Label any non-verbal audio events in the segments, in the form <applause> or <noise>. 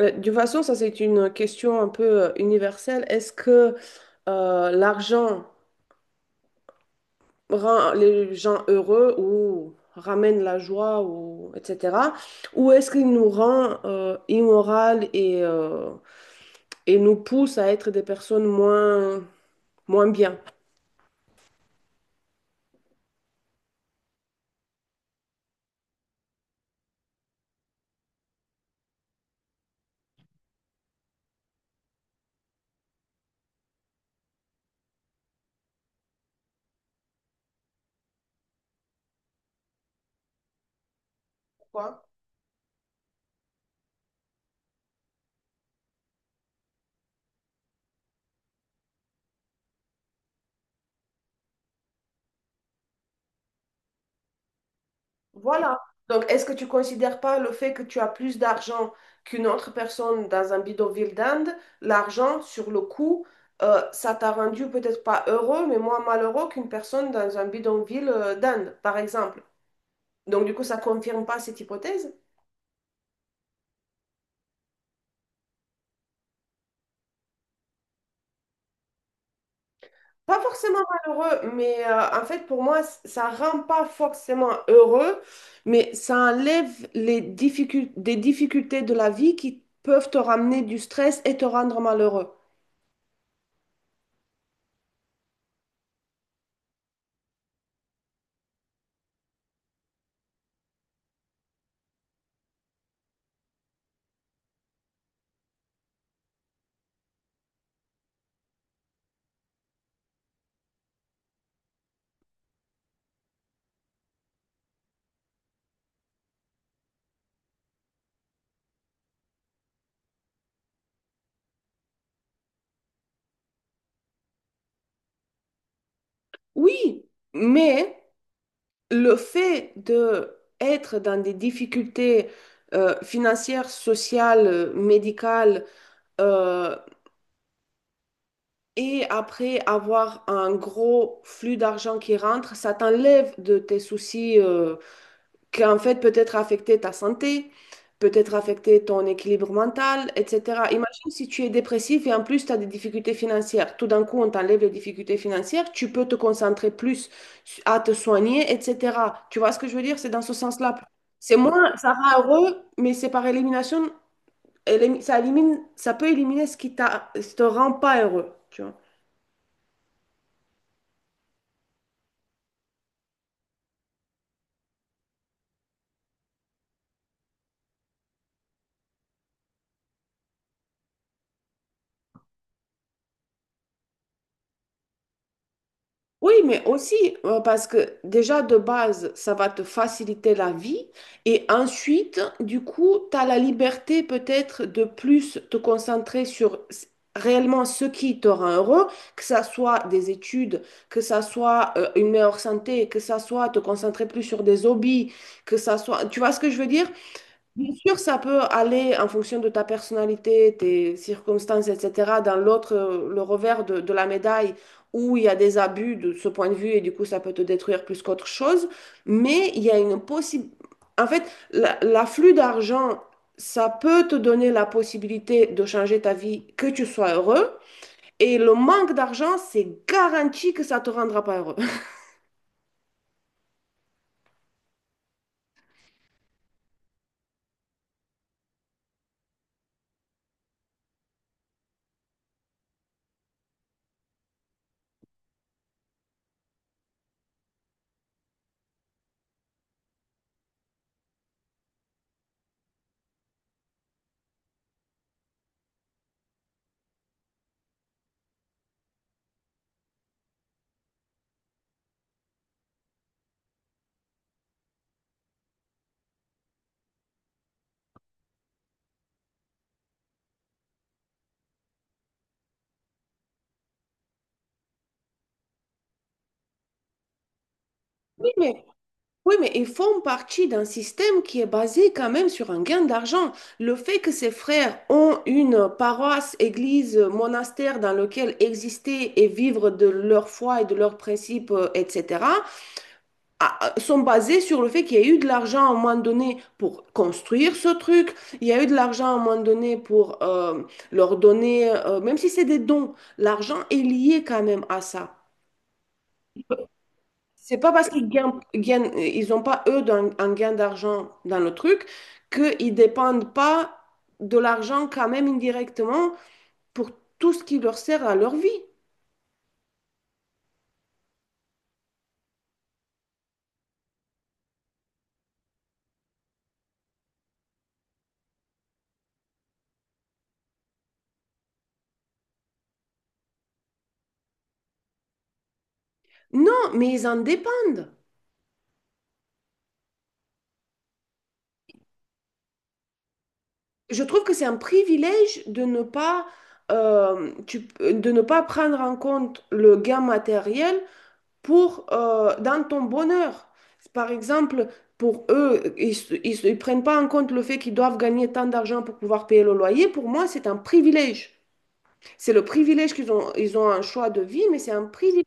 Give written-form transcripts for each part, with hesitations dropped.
De toute façon, ça c'est une question un peu universelle. Est-ce que l'argent rend les gens heureux ou ramène la joie ou etc. Ou est-ce qu'il nous rend immoral et et nous pousse à être des personnes moins bien? Voilà. Donc, est-ce que tu considères pas le fait que tu as plus d'argent qu'une autre personne dans un bidonville d'Inde, l'argent sur le coup, ça t'a rendu peut-être pas heureux, mais moins malheureux qu'une personne dans un bidonville d'Inde, par exemple. Donc, du coup, ça confirme pas cette hypothèse? Pas forcément malheureux, mais en fait, pour moi, ça rend pas forcément heureux, mais ça enlève les des difficultés de la vie qui peuvent te ramener du stress et te rendre malheureux. Oui, mais le fait de être dans des difficultés financières, sociales, médicales, euh, et après avoir un gros flux d'argent qui rentre, ça t'enlève de tes soucis, qu'en fait peut-être affecter ta santé, peut-être affecter ton équilibre mental, etc. Imagine si tu es dépressif et en plus tu as des difficultés financières. Tout d'un coup, on t'enlève les difficultés financières, tu peux te concentrer plus à te soigner, etc. Tu vois ce que je veux dire? C'est dans ce sens-là. C'est moins, ça rend heureux, mais c'est par élimination, ça élimine, ça peut éliminer ce qui t'a, ce te rend pas heureux. Tu vois. Oui, mais aussi parce que déjà de base, ça va te faciliter la vie et ensuite, du coup, tu as la liberté peut-être de plus te concentrer sur réellement ce qui te rend heureux, que ça soit des études, que ça soit une meilleure santé, que ça soit te concentrer plus sur des hobbies, que ça soit... Tu vois ce que je veux dire? Bien sûr, ça peut aller en fonction de ta personnalité, tes circonstances, etc. Dans l'autre, le revers de la médaille, où il y a des abus de ce point de vue, et du coup, ça peut te détruire plus qu'autre chose. Mais il y a une possibilité... En fait, l'afflux d'argent, ça peut te donner la possibilité de changer ta vie, que tu sois heureux. Et le manque d'argent, c'est garanti que ça te rendra pas heureux. <laughs> Oui, mais Oui, mais ils font partie d'un système qui est basé quand même sur un gain d'argent. Le fait que ces frères ont une paroisse, église, monastère dans lequel exister et vivre de leur foi et de leurs principes, etc., sont basés sur le fait qu'il y a eu de l'argent à un moment donné pour construire ce truc, il y a eu de l'argent à un moment donné pour leur donner, même si c'est des dons, l'argent est lié quand même à ça. C'est pas parce qu'ils ils ont pas eux un, gain d'argent dans le truc qu'ils dépendent pas de l'argent quand même indirectement pour tout ce qui leur sert à leur vie. Non, mais ils en dépendent. Je trouve que c'est un privilège de ne pas de ne pas prendre en compte le gain matériel pour, dans ton bonheur. Par exemple, pour eux, ils ne prennent pas en compte le fait qu'ils doivent gagner tant d'argent pour pouvoir payer le loyer. Pour moi, c'est un privilège. C'est le privilège qu'ils ont, ils ont un choix de vie, mais c'est un privilège.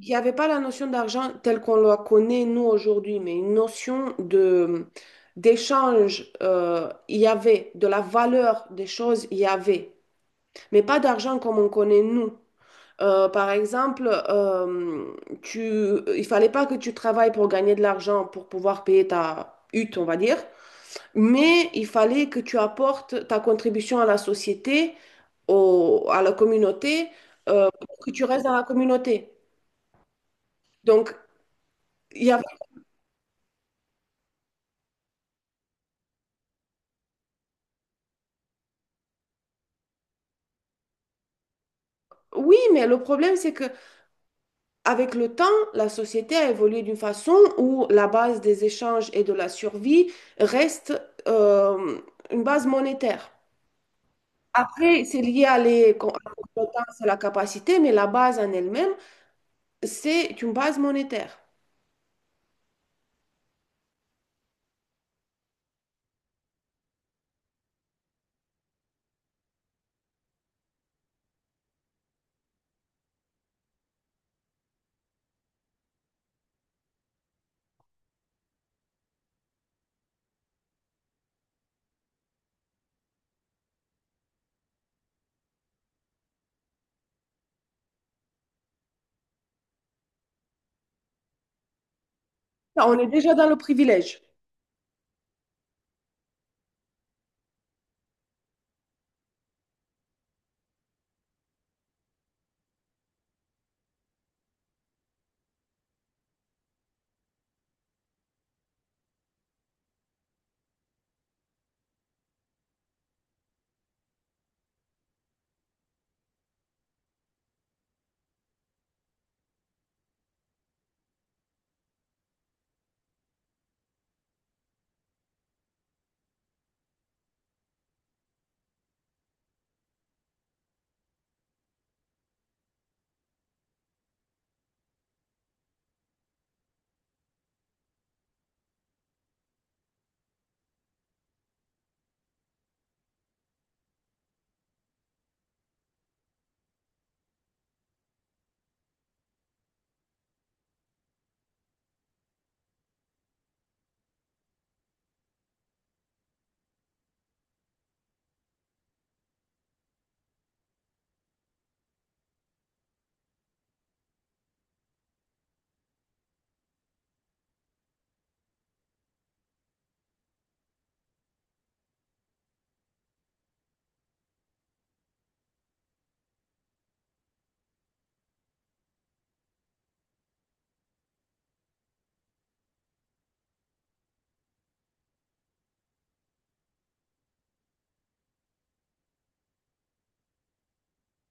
Il n'y avait pas la notion d'argent telle qu'on la connaît, nous, aujourd'hui, mais une notion de, d'échange, il y avait, de la valeur des choses, il y avait, mais pas d'argent comme on connaît, nous. Par exemple, tu, il fallait pas que tu travailles pour gagner de l'argent pour pouvoir payer ta hutte, on va dire, mais il fallait que tu apportes ta contribution à la société, à la communauté, pour que tu restes dans la communauté. Donc, il y avait... Oui, mais le problème, c'est que avec le temps, la société a évolué d'une façon où la base des échanges et de la survie reste euh, une base monétaire. Après, c'est lié à à la compétence, à la capacité, mais la base en elle-même, c'est une base monétaire. On est déjà dans le privilège.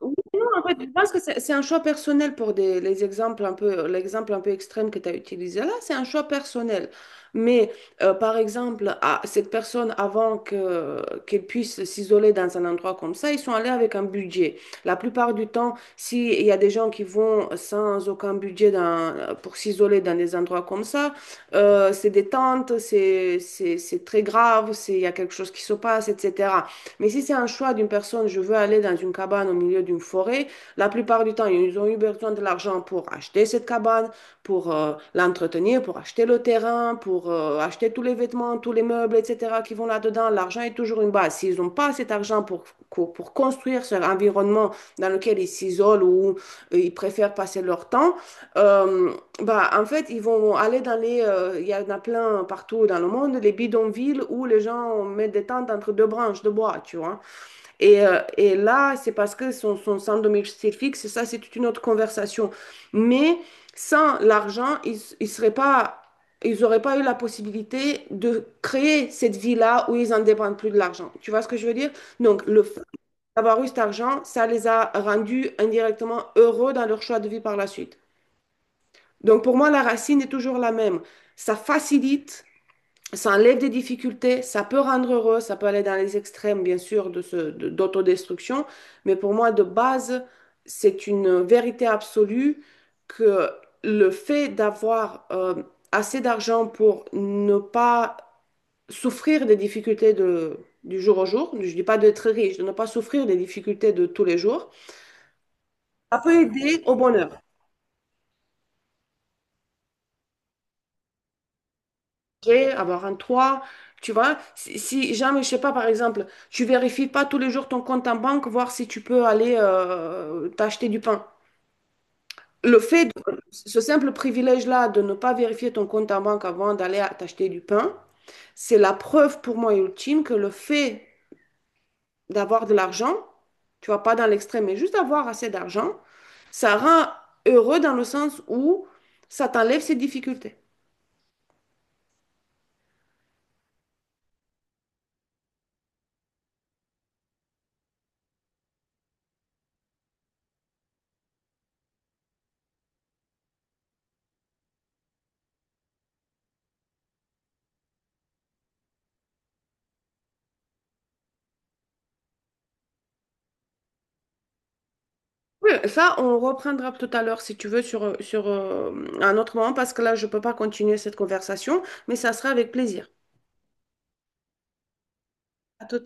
Oui, non, en fait, je pense que c'est un choix personnel pour des, les exemples un peu, l'exemple un peu extrême que tu as utilisé là, c'est un choix personnel. Mais par exemple, à cette personne, avant que, qu'elle puisse s'isoler dans un endroit comme ça, ils sont allés avec un budget. La plupart du temps, s'il y a des gens qui vont sans aucun budget pour s'isoler dans des endroits comme ça, c'est des tentes, c'est très grave, c'est- il y a quelque chose qui se passe, etc. Mais si c'est un choix d'une personne, je veux aller dans une cabane au milieu d'une forêt, la plupart du temps, ils ont eu besoin de l'argent pour acheter cette cabane, pour l'entretenir, pour acheter le terrain, pour acheter tous les vêtements, tous les meubles, etc. qui vont là-dedans. L'argent est toujours une base. S'ils n'ont pas cet argent pour construire cet environnement dans lequel ils s'isolent ou ils préfèrent passer leur temps, euh, bah, en fait, ils vont aller dans les... il y en a plein partout dans le monde, les bidonvilles où les gens mettent des tentes entre deux branches de bois, tu vois. Et là, c'est parce que sont sans domicile fixe, ça, c'est toute une autre conversation. Mais sans l'argent, ils seraient pas... Ils n'auraient pas eu la possibilité de créer cette vie-là où ils en dépendent plus de l'argent. Tu vois ce que je veux dire? Donc, le fait d'avoir eu cet argent, ça les a rendus indirectement heureux dans leur choix de vie par la suite. Donc pour moi, la racine est toujours la même. Ça facilite, ça enlève des difficultés, ça peut rendre heureux, ça peut aller dans les extrêmes, bien sûr, de ce, d'autodestruction, mais pour moi, de base, c'est une vérité absolue que le fait d'avoir assez d'argent pour ne pas souffrir des difficultés de, du jour au jour, je ne dis pas d'être riche, de ne pas souffrir des difficultés de tous les jours, ça peut aider au bonheur. Manger, avoir un toit, tu vois. Si, si jamais, je sais pas, par exemple, tu vérifies pas tous les jours ton compte en banque, voir si tu peux aller t'acheter du pain. Le fait de ce simple privilège-là de ne pas vérifier ton compte en banque avant d'aller t'acheter du pain, c'est la preuve pour moi ultime que le fait d'avoir de l'argent, tu vois, pas dans l'extrême, mais juste avoir assez d'argent, ça rend heureux dans le sens où ça t'enlève ses difficultés. Oui, ça, on reprendra tout à l'heure si tu veux sur, sur un autre moment parce que là, je ne peux pas continuer cette conversation, mais ça sera avec plaisir. À tout